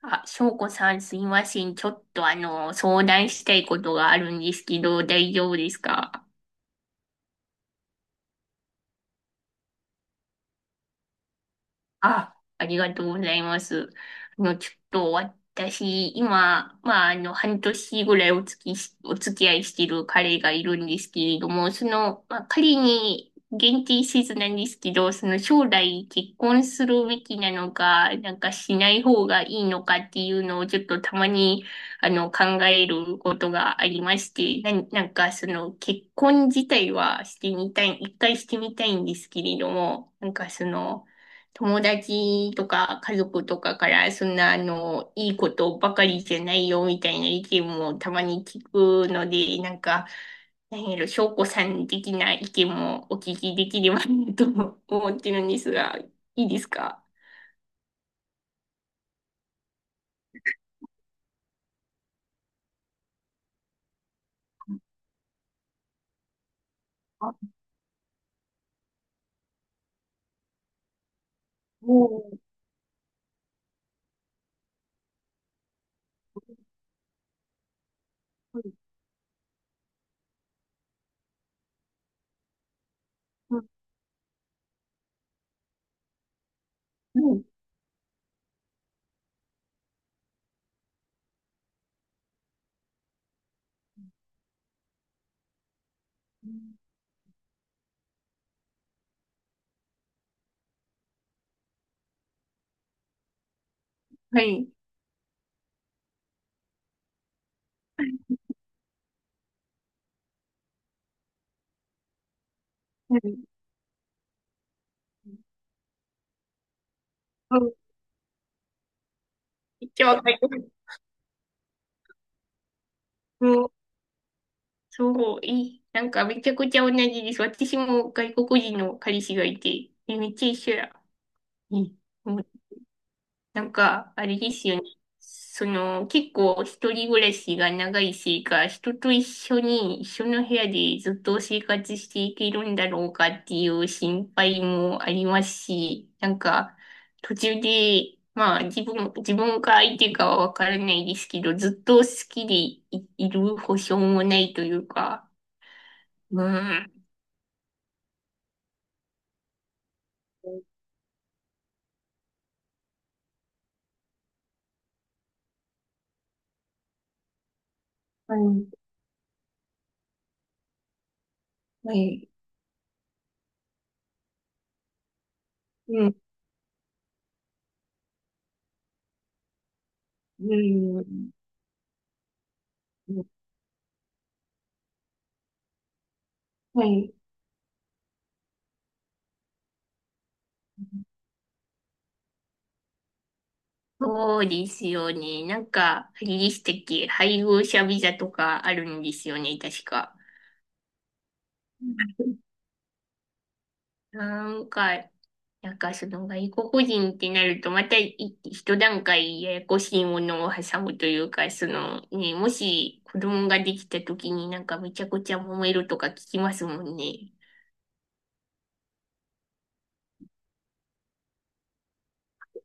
あ、翔子さんすいません。ちょっと相談したいことがあるんですけど、大丈夫ですか？あ、ありがとうございます。あの、ちょっと私、今、半年ぐらいお付き合いしてる彼がいるんですけれども、彼に限定せずなんですけど、その将来結婚するべきなのか、なんかしない方がいいのかっていうのをちょっとたまに、考えることがありまして、なんかその結婚自体はしてみたい、一回してみたいんですけれども、なんかその、友達とか家族とかからそんないいことばかりじゃないよみたいな意見もたまに聞くので、なんか、何やろ、翔子さん的な意見もお聞きできればなと思ってるんですが、いいですか？あ、もう、ん。うん。うん。はい。うん。うん。めっちゃわかります。うん。そう、いい。なんかめちゃくちゃ同じです。私も外国人の彼氏がいて、えめっちゃ一緒や。うん。なんか、あれですよね。その、結構一人暮らしが長いせいか、人と一緒に、一緒の部屋でずっと生活していけるんだろうかっていう心配もありますし、なんか、途中で、まあ、自分か相手かはわからないですけど、ずっと好きでい、いる保証もないというか、うん。はい。はい。うん。うん。はい。そうですよね。なんか、あれでしたっけ、配偶者ビザとかあるんですよね、確か。なんか、その外国人ってなると、また一段階ややこしいものを挟むというか、そのね、もし子供ができた時になんかめちゃくちゃ揉めるとか聞きますもんね。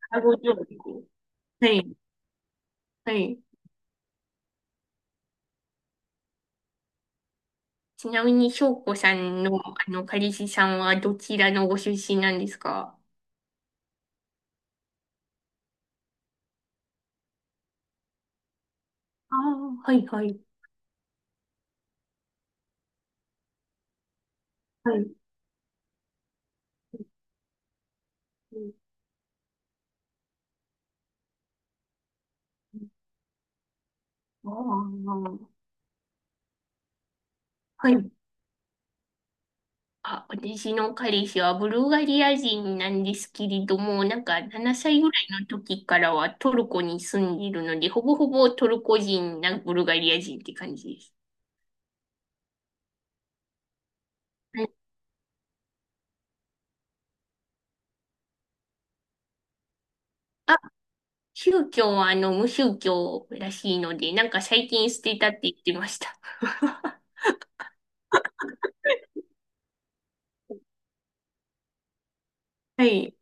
あご存知。はい、はい。ちなみに、翔子さんの彼氏さんはどちらのご出身なんですか？あ。あー、はい、はい、はい。うん。あー。はい。あ、私の彼氏はブルガリア人なんですけれども、なんか7歳ぐらいの時からはトルコに住んでいるので、ほぼほぼトルコ人なブルガリア人って感じです。はい。あ、宗教は無宗教らしいので、なんか最近捨てたって言ってました。はい。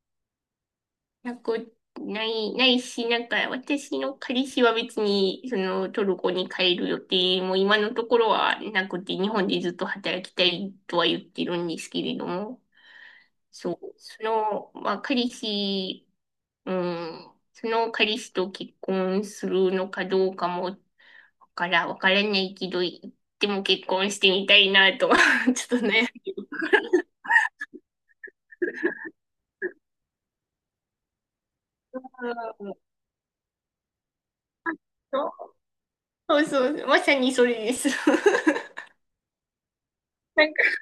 なく、ないし、なんか私の彼氏は別に、そのトルコに帰る予定も今のところはなくて、日本でずっと働きたいとは言ってるんですけれども、そう、その、まあ彼氏、うん、その彼氏と結婚するのかどうかも、わからないけど、でも結婚してみたいなと、ちょっとね。うん。そうそうそう、まさにそれです。なんか。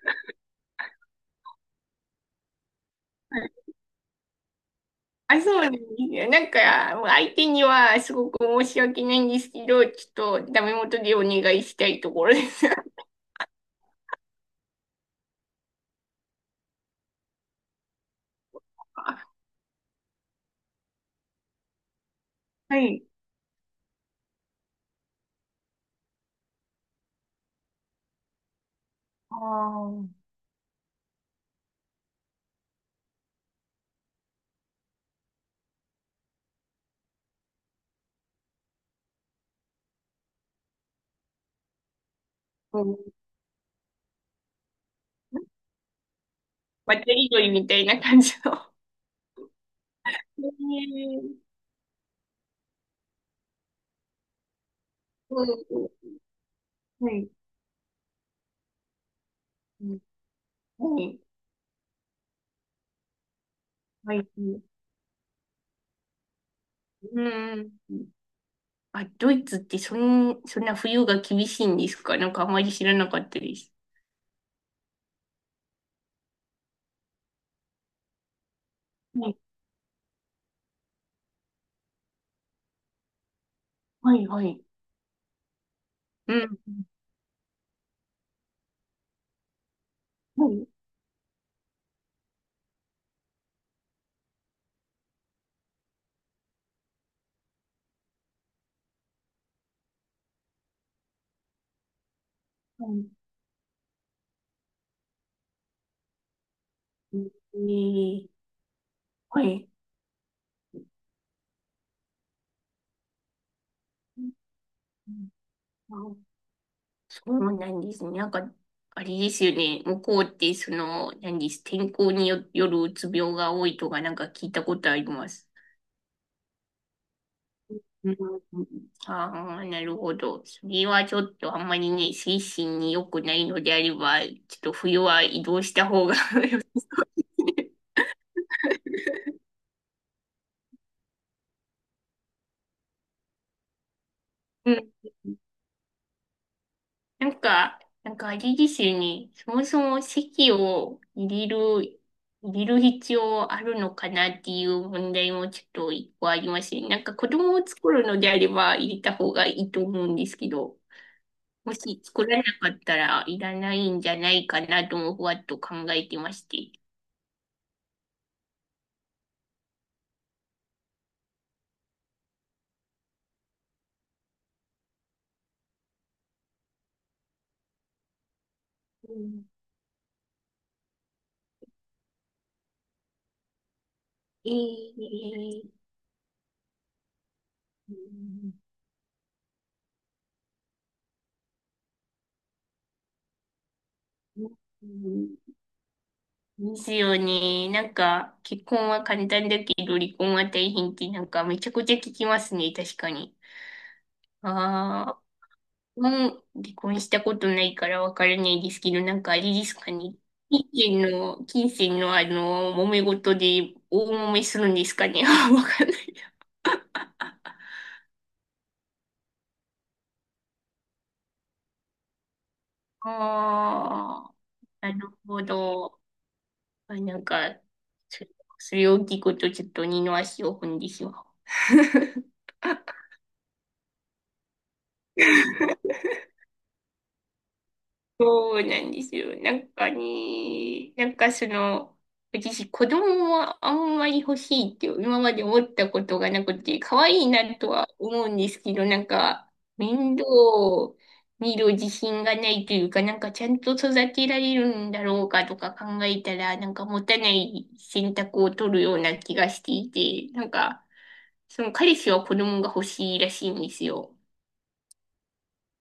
あ、そうなんですよ。なんか、もう相手にはすごく申し訳ないんですけど、ちょっとダメ元でお願いしたいところです。うん。渡りみたいな感じの。えー、うん、はい、はい、はい、うん。あ、ドイツってそんな冬が厳しいんですか？なんかあまり知らなかったです。はい、はい、はい。うん。はい、はい。えー、はい。うん。そうなんですね。なんか、あれですよね。向こうって、その、何です。天候によ、よるうつ病が多いとか、なんか聞いたことあります。うん。ああ、なるほど。それはちょっとあんまりね、精神に良くないのであれば、ちょっと冬は移動した方が 良さそうですね。うん。なんか、あれですよね。そもそも籍を入れる、入れる必要あるのかなっていう問題もちょっと一個ありますね。なんか子供を作るのであれば入れた方がいいと思うんですけど、もし作らなかったらいらないんじゃないかなともふわっと考えてまして。うん。えー、うん。ですよね。なんか、結婚は簡単だけど、離婚は大変ってなんかめちゃくちゃ聞きますね、確かに。ああ、もう離婚したことないからわからないですけど、なんかあれですかね。金金銭の揉め事で大揉めするんですかね。わかんない。ああ、なるほど。あ、なんか、そそれを聞くとちょっと二の足を踏んでしまう。そうなんですよ。私、子供はあんまり欲しいって今まで思ったことがなくて、可愛いなとは思うんですけど、なんか、面倒を見る自信がないというか、なんかちゃんと育てられるんだろうかとか考えたら、なんか持たない選択を取るような気がしていて、なんか、その彼氏は子供が欲しいらしいんですよ。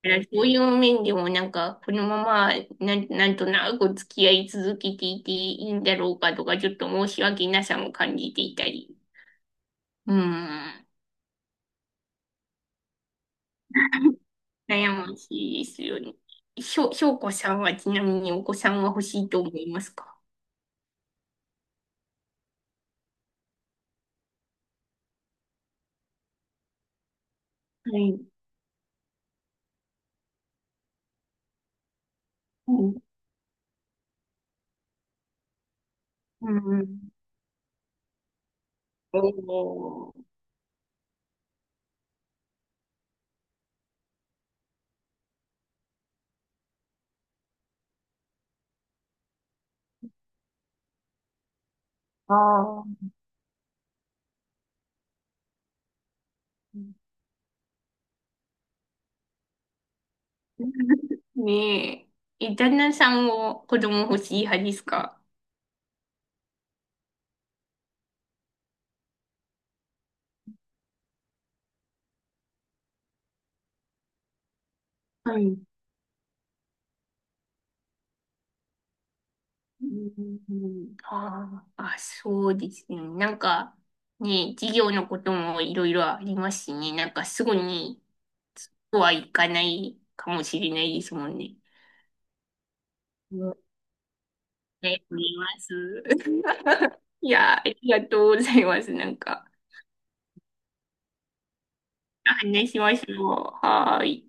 だからそういう面でもなんか、このままな、なんとなく付き合い続けていていいんだろうかとか、ちょっと申し訳なさも感じていたり。うん。悩ましいですよね。しょうこさんはちなみにお子さんは欲しいと思いますか？はい。うん。うん。おー。ああ。ねえ。え、旦那さんも子供欲しい派ですか？はい。うん。うん。あーあ、そうですね。なんか、ね、授業のこともいろいろありますしね。なんかすぐに、そうはいかないかもしれないですもんね。うん。ね、見ます。いや、ありがとうございます。なんか、話しましょう。はーい。